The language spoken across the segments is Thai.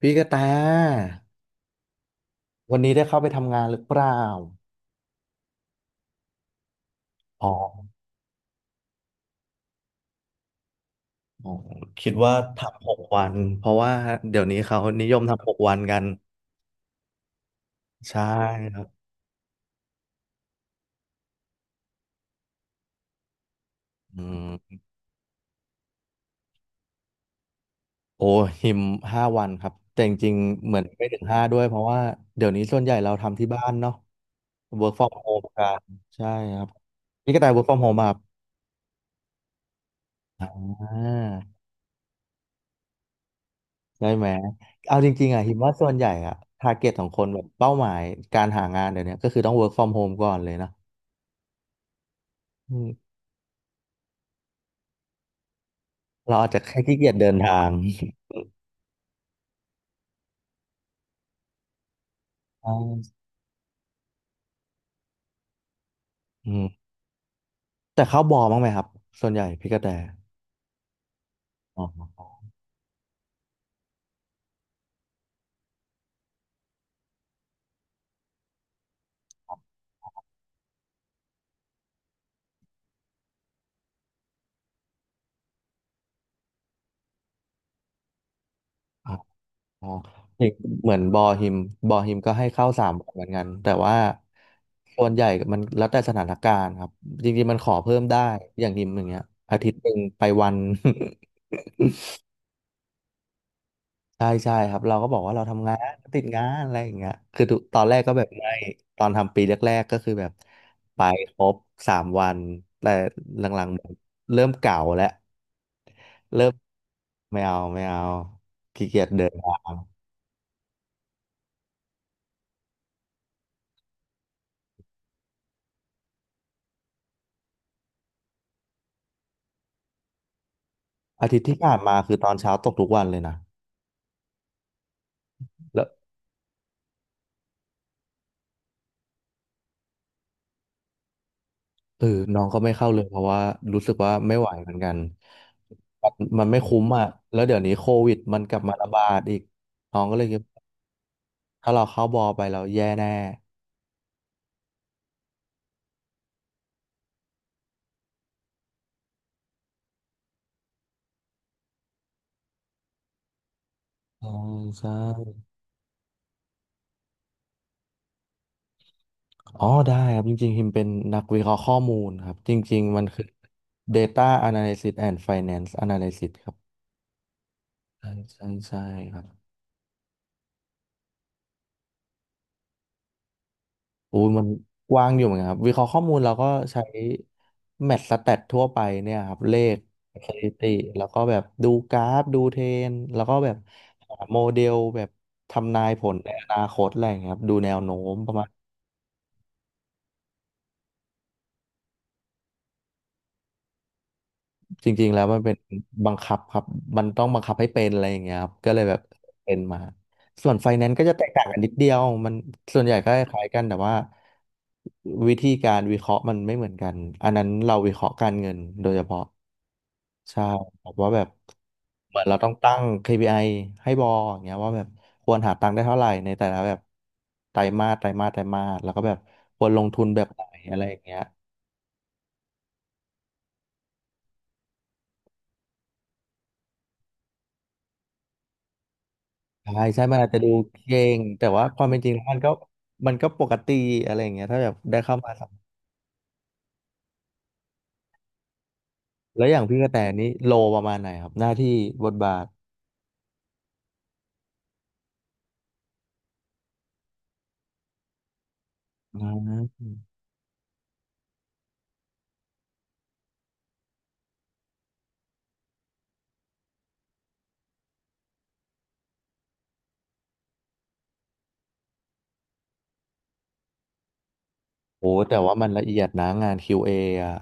พี่กระแตวันนี้ได้เข้าไปทำงานหรือเปล่าอ๋ออ๋อคิดว่าทำหกวันเพราะว่าเดี๋ยวนี้เขานิยมทำหกวันกันใช่ครับอืมโอ้หิม5 วันครับแต่จริงๆเหมือนไม่ถึงห้าด้วยเพราะว่าเดี๋ยวนี้ส่วนใหญ่เราทำที่บ้านเนาะ work from home กันใช่ครับพี่กระแต work from home ป่ะครับอ่าได้ไหมเอาจริงๆอ่ะหิมว่าส่วนใหญ่อ่ะทาร์เก็ตของคนแบบเป้าหมายการหางานเดี๋ยวนี้ก็คือต้อง work from home ก่อนเลยนะ เราอาจจะแค่ขี้เกียจเดินทาง อ่าอืมแต่เข้าบอบ้างไหมครับ ส่วนใหญ่พี่กระแตอ๋ออ๋ออ๋ออย่างเหมือนบอฮิมบอฮิมก็ให้เข้า 3 วันเหมือนกัน แต่ว่าส่วนใหญ่มันแล้วแต่สถานการณ์ครับ จริงๆมันขอเพิ่มได้อย่างฮิมอย่างเงี้ยอาทิตย์หนึ่งไปวัน ใช่ใช่ครับเราก็บอกว่าเราทำงานติดงานอะไรอย่างเงี้ยคือทุกตอนแรกก็แบบไม่ตอนทำปีแรกๆก็คือแบบไปครบ 3 วัน แต่หลังๆเหมือนเริ่มเก่าแล้วเริ่มไม่เอาไม่เอาขี้เกียจเดินทางอาทิตย์ที่ผ่านมาคือตอนเช้าตกทุกวันเลยนะแล้วเออน้องก็ไม่เข้าเลยเพราะว่ารู้สึกว่าไม่ไหวเหมือนกันมันมันไม่คุ้มอ่ะแล้วเดี๋ยวนี้โควิดมันกลับมาระบาดอีก น้องก็เลยคิดว่าถ้าเราเข้าบอไปเราแย่แน่ อ๋อใช่อ๋อได้ครับจริงๆฮิมเป็นนักวิเคราะห์ข้อมูลครับจริงๆ มันคือ Data Analysis and Finance Analysis ครับใช่ใช่ใช่ครับอู้ยมันกว้างอยู่เหมือนกันครับวิเคราะห์ข้อมูลเราก็ใช้แมทสแตททั่วไปเนี่ยครับเลขสถิติแล้วก็แบบดูกราฟดูเทรนด์แล้วก็แบบหาโมเดลแบบทำนายผลในอนาคตอะไรอย่างเงี้ยครับดูแนวโน้มประมาณ จริงๆแล้วมันเป็นบังคับครับ มันต้องบังคับให้เป็นอะไรอย่างเงี้ยครับ ก็เลยแบบเป็นมา ส่วนไฟแนนซ์ก็จะแตกต่างกันนิดเดียว มันส่วนใหญ่ก็คล้ายกันแต่ว่าวิธีการวิเคราะห์มันไม่เหมือนกัน อันนั้นเราวิเคราะห์การเงินโดยเฉพาะใช่แบบว่าแบบเหมือนเราต้องตั้ง KPI ให้บออย่างเงี้ยว่าแบบควรหาตังค์ได้เท่าไหร่ในแต่ละแบบไตรมาสไตรมาสไตรมาสแล้วก็แบบควรลงทุนแบบไหนอะไรอย่างเงี้ย ใช่ใช่มันอาจจะดูเก่งแต่ว่าความเป็นจริงแล้วมันก็ปกติอะไรอย่างเงี้ยถ้าแบบได้เข้ามาสัมผัสแล้วอย่างพี่กระแตนี้โลประมาณไหนครับหน้าที่บทบาทนะโอ้แต่ว่ามันละเอียดนะงาน QA ออะ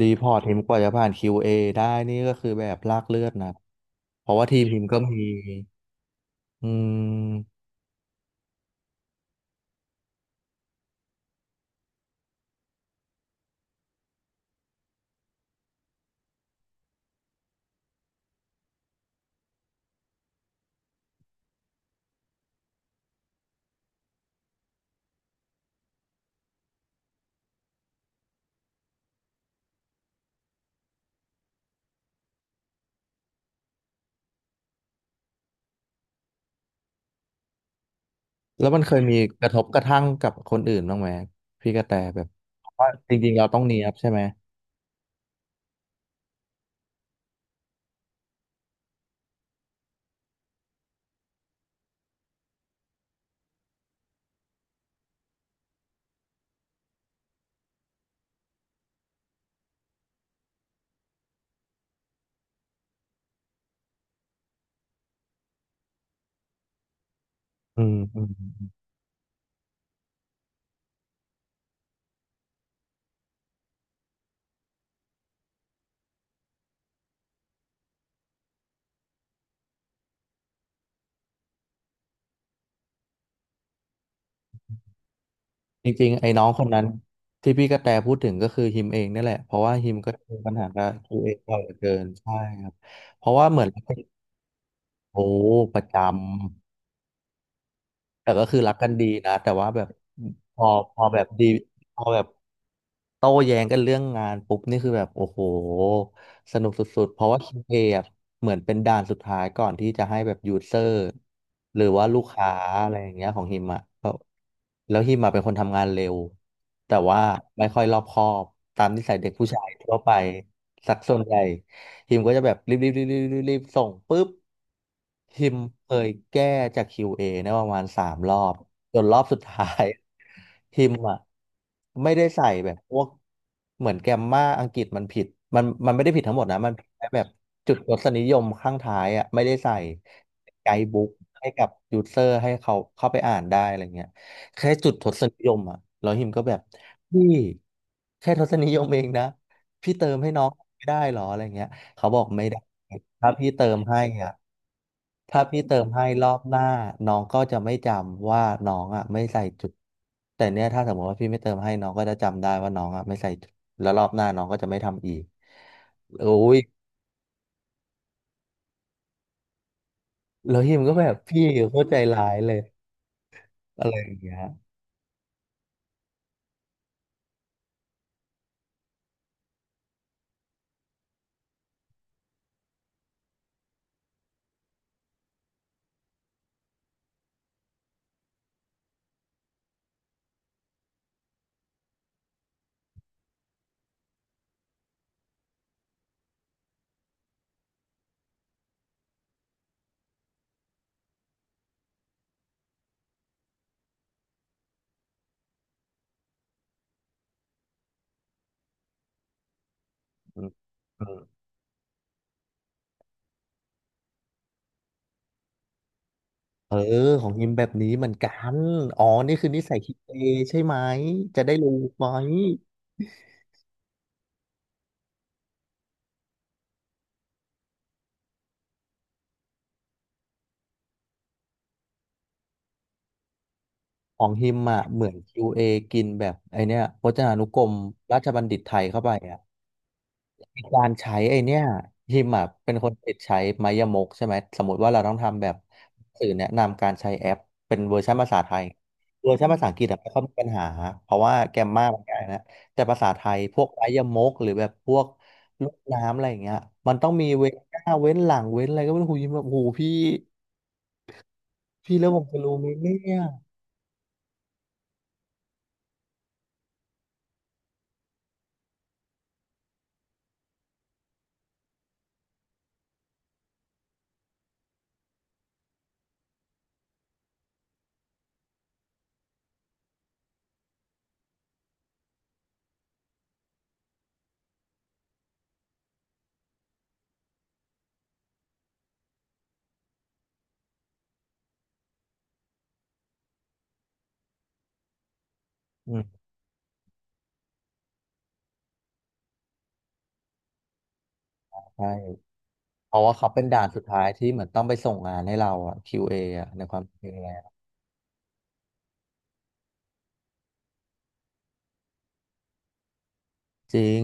รีพอร์ตทีมกว่าจะผ่าน QA ได้นี่ก็คือแบบลากเลือดนะเพราะว่าทีมพิมพ์ก็มีอืมแล้วมันเคยมีกระทบกระทั่งกับคนอื่นบ้างไหมพี่กระแตแบบเพราะว่าจริงๆเราต้องเนียบใช่ไหมอืมอืม จริงๆ ไอ้น้องคนนั้นที่พี่กระแตพูดถึงก็คือฮิมเองนี่แหละ เพราะว่าฮิมก็เจอปัญหากับตัวเองบ่อยเหลือเกินใช่ครับ เพราะว่าเหมือนเราเป็นโอ้ประจำ แต่ก็คือรักกันดีนะแต่ว่าแบบพอพอแบบดีพอแบบโต้แย้งกันเรื่องงานปุ๊บนี่คือแบบโอ้โหสนุกสุดๆเพราะว่าคิวเออะเหมือนเป็นด่านสุดท้ายก่อนที่จะให้แบบยูเซอร์หรือว่าลูกค้าอะไรอย่างเงี้ยของฮิมอะก็แล้วฮิมอะเป็นคนทำงานเร็วแต่ว่าไม่ค่อยรอบคอบตามนิสัยเด็กผู้ชายทั่วไปสักส่วนใหญ่ ทีมก็จะแบบรีบรีบรีบรีบรีบรีบส่งปุ๊บทีมเคยแก้จาก QA เอเนี่ยประมาณ 3 รอบจนรอบสุดท้าย ทีมอ่ะไม่ได้ใส่แบบพวกเหมือนแกมมาอังกฤษมันผิดมันไม่ได้ผิดทั้งหมดนะมันผิดแค่แบบจุดรสนิยมข้างท้ายอ่ะไม่ได้ใส่ไกด์บุ๊กให้กับยูเซอร์ให้เขาเข้าไปอ่านได้อะไรเงี้ยแค่จุดทศนิยมอ่ะแล้วหิมก็แบบพี่แค่ทศนิยมเองนะพี่เติมให้น้องไม่ได้เหรออะไรเงี้ย เขาบอกไม่ได้ถ้าพี่เติมให้อ่ะถ้าพี่เติมให้รอบหน้าน้องก็จะไม่จำว่าน้องอ่ะไม่ใส่จุด แต่เนี้ยถ้าสมมติว่าพี่ไม่เติมให้น้องก็จะจำได้ว่าน้องอ่ะไม่ใส่จุดแล้วรอบหน้าน้องก็จะไม่ทำอีกโอ้ยแล้วฮิมก็แบบพี่โคตรใจร้ายเลยอะไรอย่างเงี้ยอืมอืมเออของฮิมแบบนี้เหมือนกันอ๋อนี่คือนิสัยคิดเองใช่ไหมจะได้รู้ไหม ของฮิมอ่ะเหมือน QA กินแบบไอเนี้ยพจนานุกรมราชบัณฑิตไทยเข้าไปอ่ะมีการใช้ไอเนี้ยฮิมอ่ะเป็นคนติดใช้ไมยมกใช่ไหมสมมติว่าเราต้องทำแบบสื่อแนะนำการใช้แอปเป็นเวอร์ชันภาษาไทยเวอร์ชันภาษาอังกฤษอะไม่ค่อยมีปัญหาเพราะว่าแกรมมามันง่ายนะแต่ภาษาไทยพวกไมยมกหรือแบบพวกลูกน้ำอะไรอย่างเงี้ยมันต้องมีเว้นหน้าเว้นหลังเว้นอะไรก็ไม่รู้หูยิมแบบหูพี่พี่แล้วผมจะรู้ไหมเนี่ยอืมใช่ เพราะว่าเขาเป็นด่านสุดท้ายที่เหมือนต้องไปส่งงานให้เราอะ QA ออะในความจรองแล้วจริง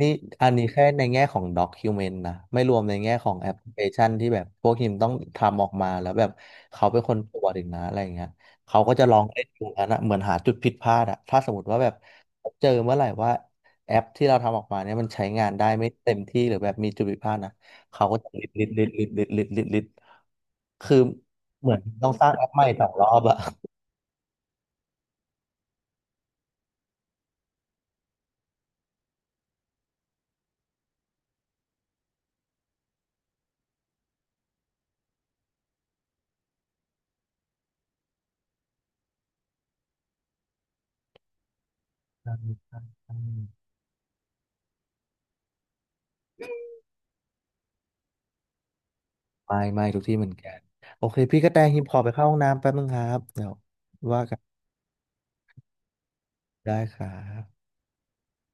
นี่อันนี้แค่ในแง่ของ document นะไม่รวมในแง่ของแอปพลิเคชันที่แบบพวกทีมต้องทำออกมาแล้วแบบเขาเป็นคนตรวจอีกนะอะไรอย่างเงี้ยเขาก็จะลองเล่นดูอันนะเหมือนหาจุดผิดพลาดอะถ้าสมมติว่าแบบเจอเมื่อไหร่ว่าแอปที่เราทำออกมาเนี่ยมันใช้งานได้ไม่เต็มที่หรือแบบมีจุดผิดพลาดนะเขาก็จะลิดลิดลิดลิดลิดลิดลิดลิดคือเหมือนต้องสร้างแอปใหม่สองรอบอะ อืมไม่ทุกที่เหมือนกันโอเคพี่กระแตหิมขอไปเข้าห้องน้ำแป๊บนึงครับเดี๋ยวว่ากันได้ครับ